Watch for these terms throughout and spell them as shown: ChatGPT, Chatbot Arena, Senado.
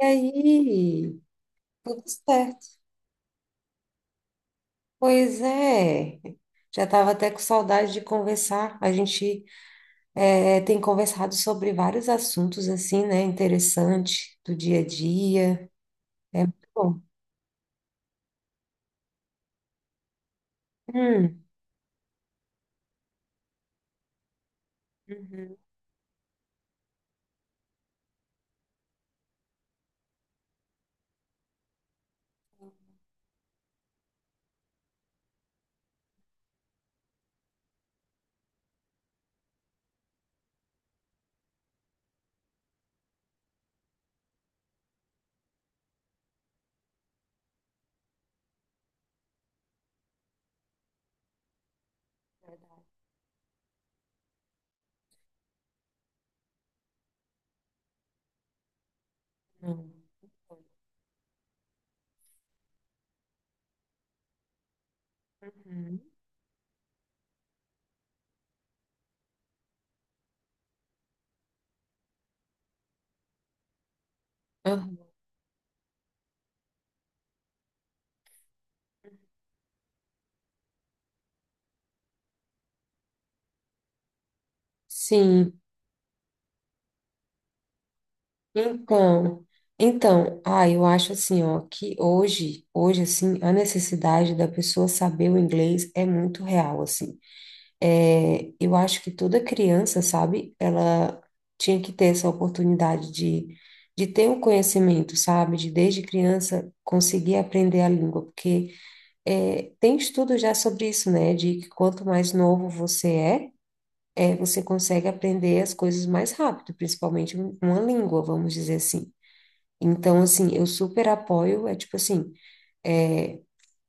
E aí, tudo certo. Pois é, já estava até com saudade de conversar. A gente tem conversado sobre vários assuntos assim, né? Interessante do dia a dia. É muito bom. Hum, uhum, uhum, uhum, uhum. Sim, então, então, ah, eu acho assim, ó, que hoje, hoje assim, a necessidade da pessoa saber o inglês é muito real, assim. É, eu acho que toda criança, sabe, ela tinha que ter essa oportunidade de ter o conhecimento, sabe, de desde criança conseguir aprender a língua, porque tem estudo já sobre isso, né, de que quanto mais novo você é, você consegue aprender as coisas mais rápido, principalmente uma língua, vamos dizer assim. Então, assim, eu super apoio, é tipo assim, é,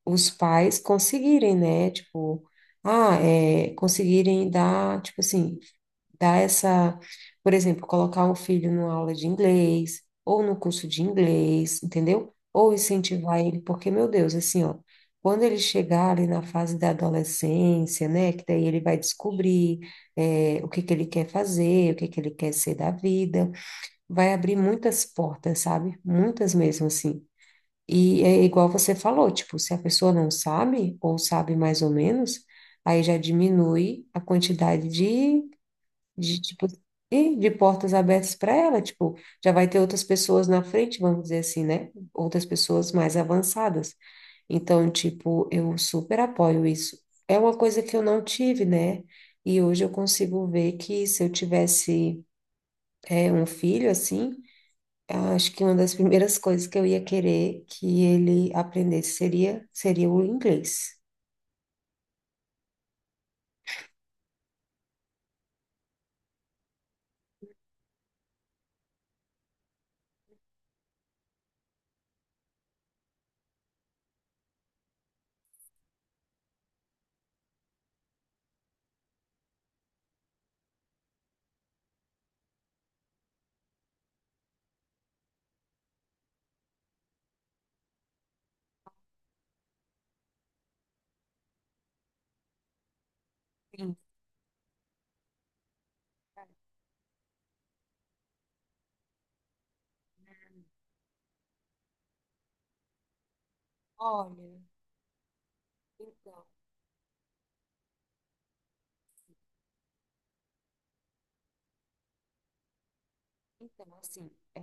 os pais conseguirem, né? Tipo, conseguirem dar, tipo assim, dar essa, por exemplo, colocar o filho numa aula de inglês, ou no curso de inglês, entendeu? Ou incentivar ele, porque, meu Deus, assim, ó, quando ele chegar ali na fase da adolescência, né? Que daí ele vai descobrir o que que ele quer fazer, o que que ele quer ser da vida, vai abrir muitas portas, sabe? Muitas mesmo, assim. E é igual você falou, tipo, se a pessoa não sabe, ou sabe mais ou menos, aí já diminui a quantidade de tipo, e de portas abertas para ela, tipo, já vai ter outras pessoas na frente, vamos dizer assim, né? Outras pessoas mais avançadas. Então, tipo, eu super apoio isso. É uma coisa que eu não tive, né? E hoje eu consigo ver que se eu tivesse, um filho assim. Acho que uma das primeiras coisas que eu ia querer que ele aprendesse seria, o inglês. Sim, cara. Olha, então, então assim, é,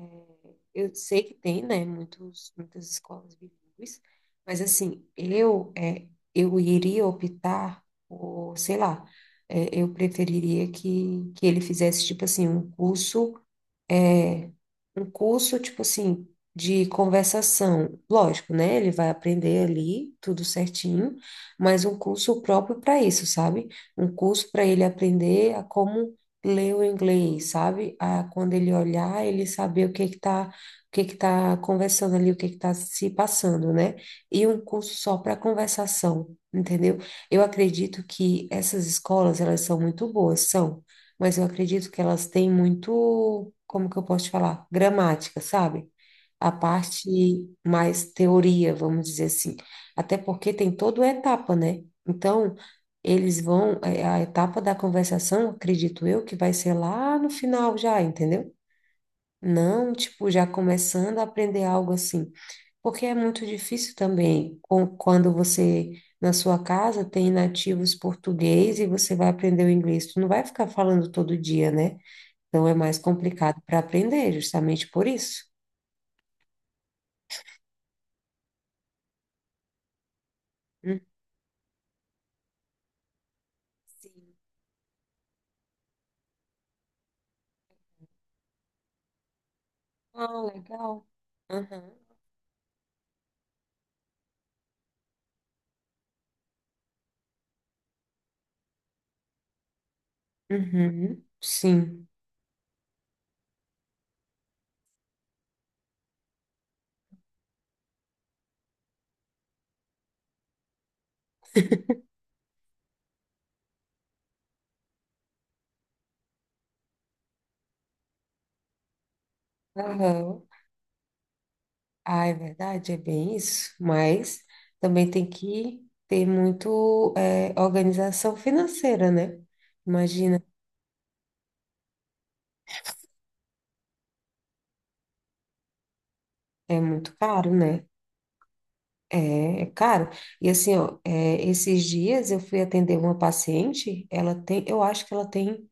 eu sei que tem, né, muitos, muitas escolas bilíngues, mas assim, eu, eu iria optar por, sei lá, eu preferiria que, ele fizesse, tipo assim, é, um curso, tipo assim, de conversação. Lógico, né? Ele vai aprender ali tudo certinho, mas um curso próprio para isso, sabe? Um curso para ele aprender a como ler o inglês, sabe? A quando ele olhar, ele saber o que que tá, o que que tá conversando ali, o que que tá se passando, né? E um curso só para conversação, entendeu? Eu acredito que essas escolas, elas são muito boas, são, mas eu acredito que elas têm muito, como que eu posso te falar? Gramática, sabe? A parte mais teoria, vamos dizer assim. Até porque tem toda a etapa, né? Então, eles vão, a etapa da conversação, acredito eu, que vai ser lá no final já, entendeu? Não, tipo, já começando a aprender algo assim. Porque é muito difícil também quando você, na sua casa, tem nativos português e você vai aprender o inglês. Tu não vai ficar falando todo dia, né? Então é mais complicado para aprender, justamente por isso. Hum. Sim. Ah, legal. Aham. Uhum. Sim. Aham. Ah, é verdade, é bem isso. Mas também tem que ter muito organização financeira, né? Imagina, é muito caro, né? É, é caro. E assim, ó, esses dias eu fui atender uma paciente, eu acho que ela tem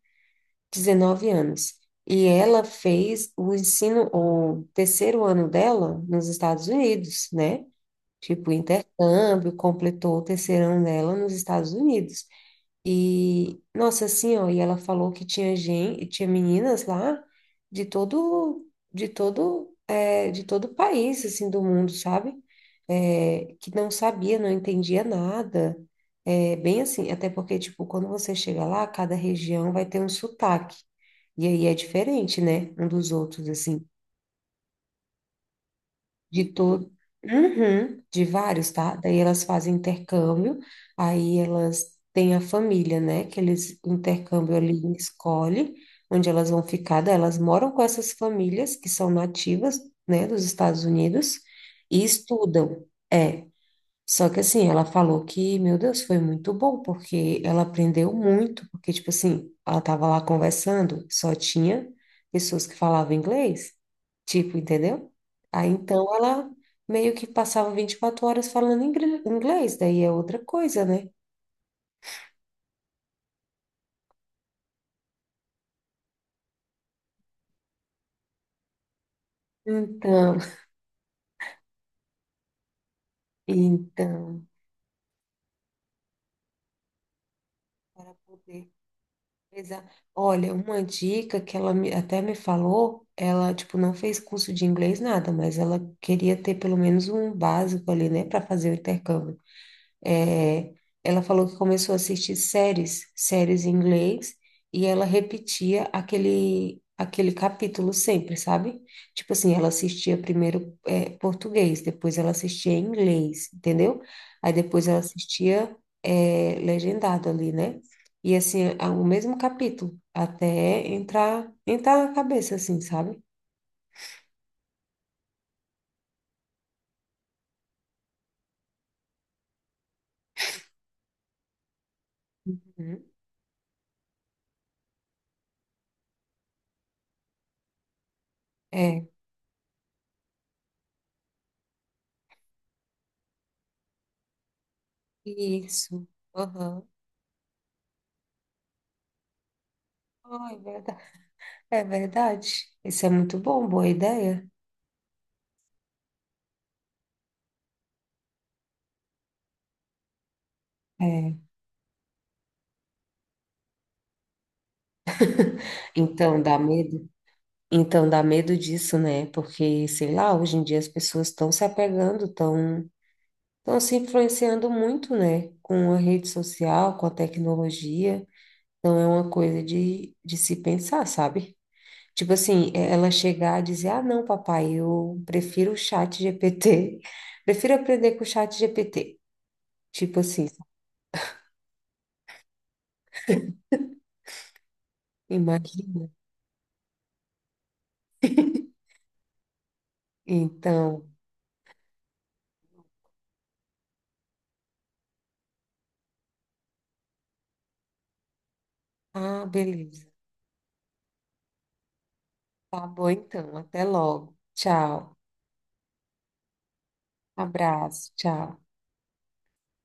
19 anos. E ela fez o terceiro ano dela nos Estados Unidos, né? Tipo, intercâmbio, completou o terceiro ano dela nos Estados Unidos. E, nossa, assim, ó, e ela falou que tinha gente, tinha meninas lá de todo, de todo o país, assim, do mundo, sabe? É, que não sabia, não entendia nada. É, bem assim, até porque, tipo, quando você chega lá, cada região vai ter um sotaque. E aí é diferente, né, um dos outros, assim. De todo, Uhum, de vários, tá? Daí elas fazem intercâmbio, aí elas têm a família, né? Que eles intercâmbio ali escolhe onde elas vão ficar. Daí elas moram com essas famílias que são nativas, né, dos Estados Unidos e estudam. É, só que assim, ela falou que, meu Deus, foi muito bom, porque ela aprendeu muito, porque, tipo assim, ela tava lá conversando, só tinha pessoas que falavam inglês, tipo, entendeu? Aí então ela meio que passava 24 horas falando inglês, daí é outra coisa, né? Então, então, para poder Exa- Olha, uma dica que ela até me falou, ela, tipo, não fez curso de inglês, nada, mas ela queria ter pelo menos um básico ali, né, para fazer o intercâmbio. É, ela falou que começou a assistir séries em inglês, e ela repetia aquele capítulo sempre, sabe? Tipo assim, ela assistia primeiro, é, português, depois ela assistia em inglês, entendeu? Aí depois ela assistia, legendado ali, né? E assim, a- o mesmo capítulo, até entrar na cabeça, assim, sabe? Uhum. É, isso. Aham. Ai, verdade. É verdade. Isso é muito bom, boa ideia. É. Então dá medo. Então dá medo disso, né? Porque, sei lá, hoje em dia as pessoas estão se apegando, estão se influenciando muito, né? Com a rede social, com a tecnologia. Então é uma coisa de se pensar, sabe? Tipo assim, ela chegar a dizer, ah, não, papai, eu prefiro o chat GPT, prefiro aprender com o chat GPT. Tipo assim, imagina. Então, ah, beleza. Tá bom, então. Até logo. Tchau. Abraço. Tchau.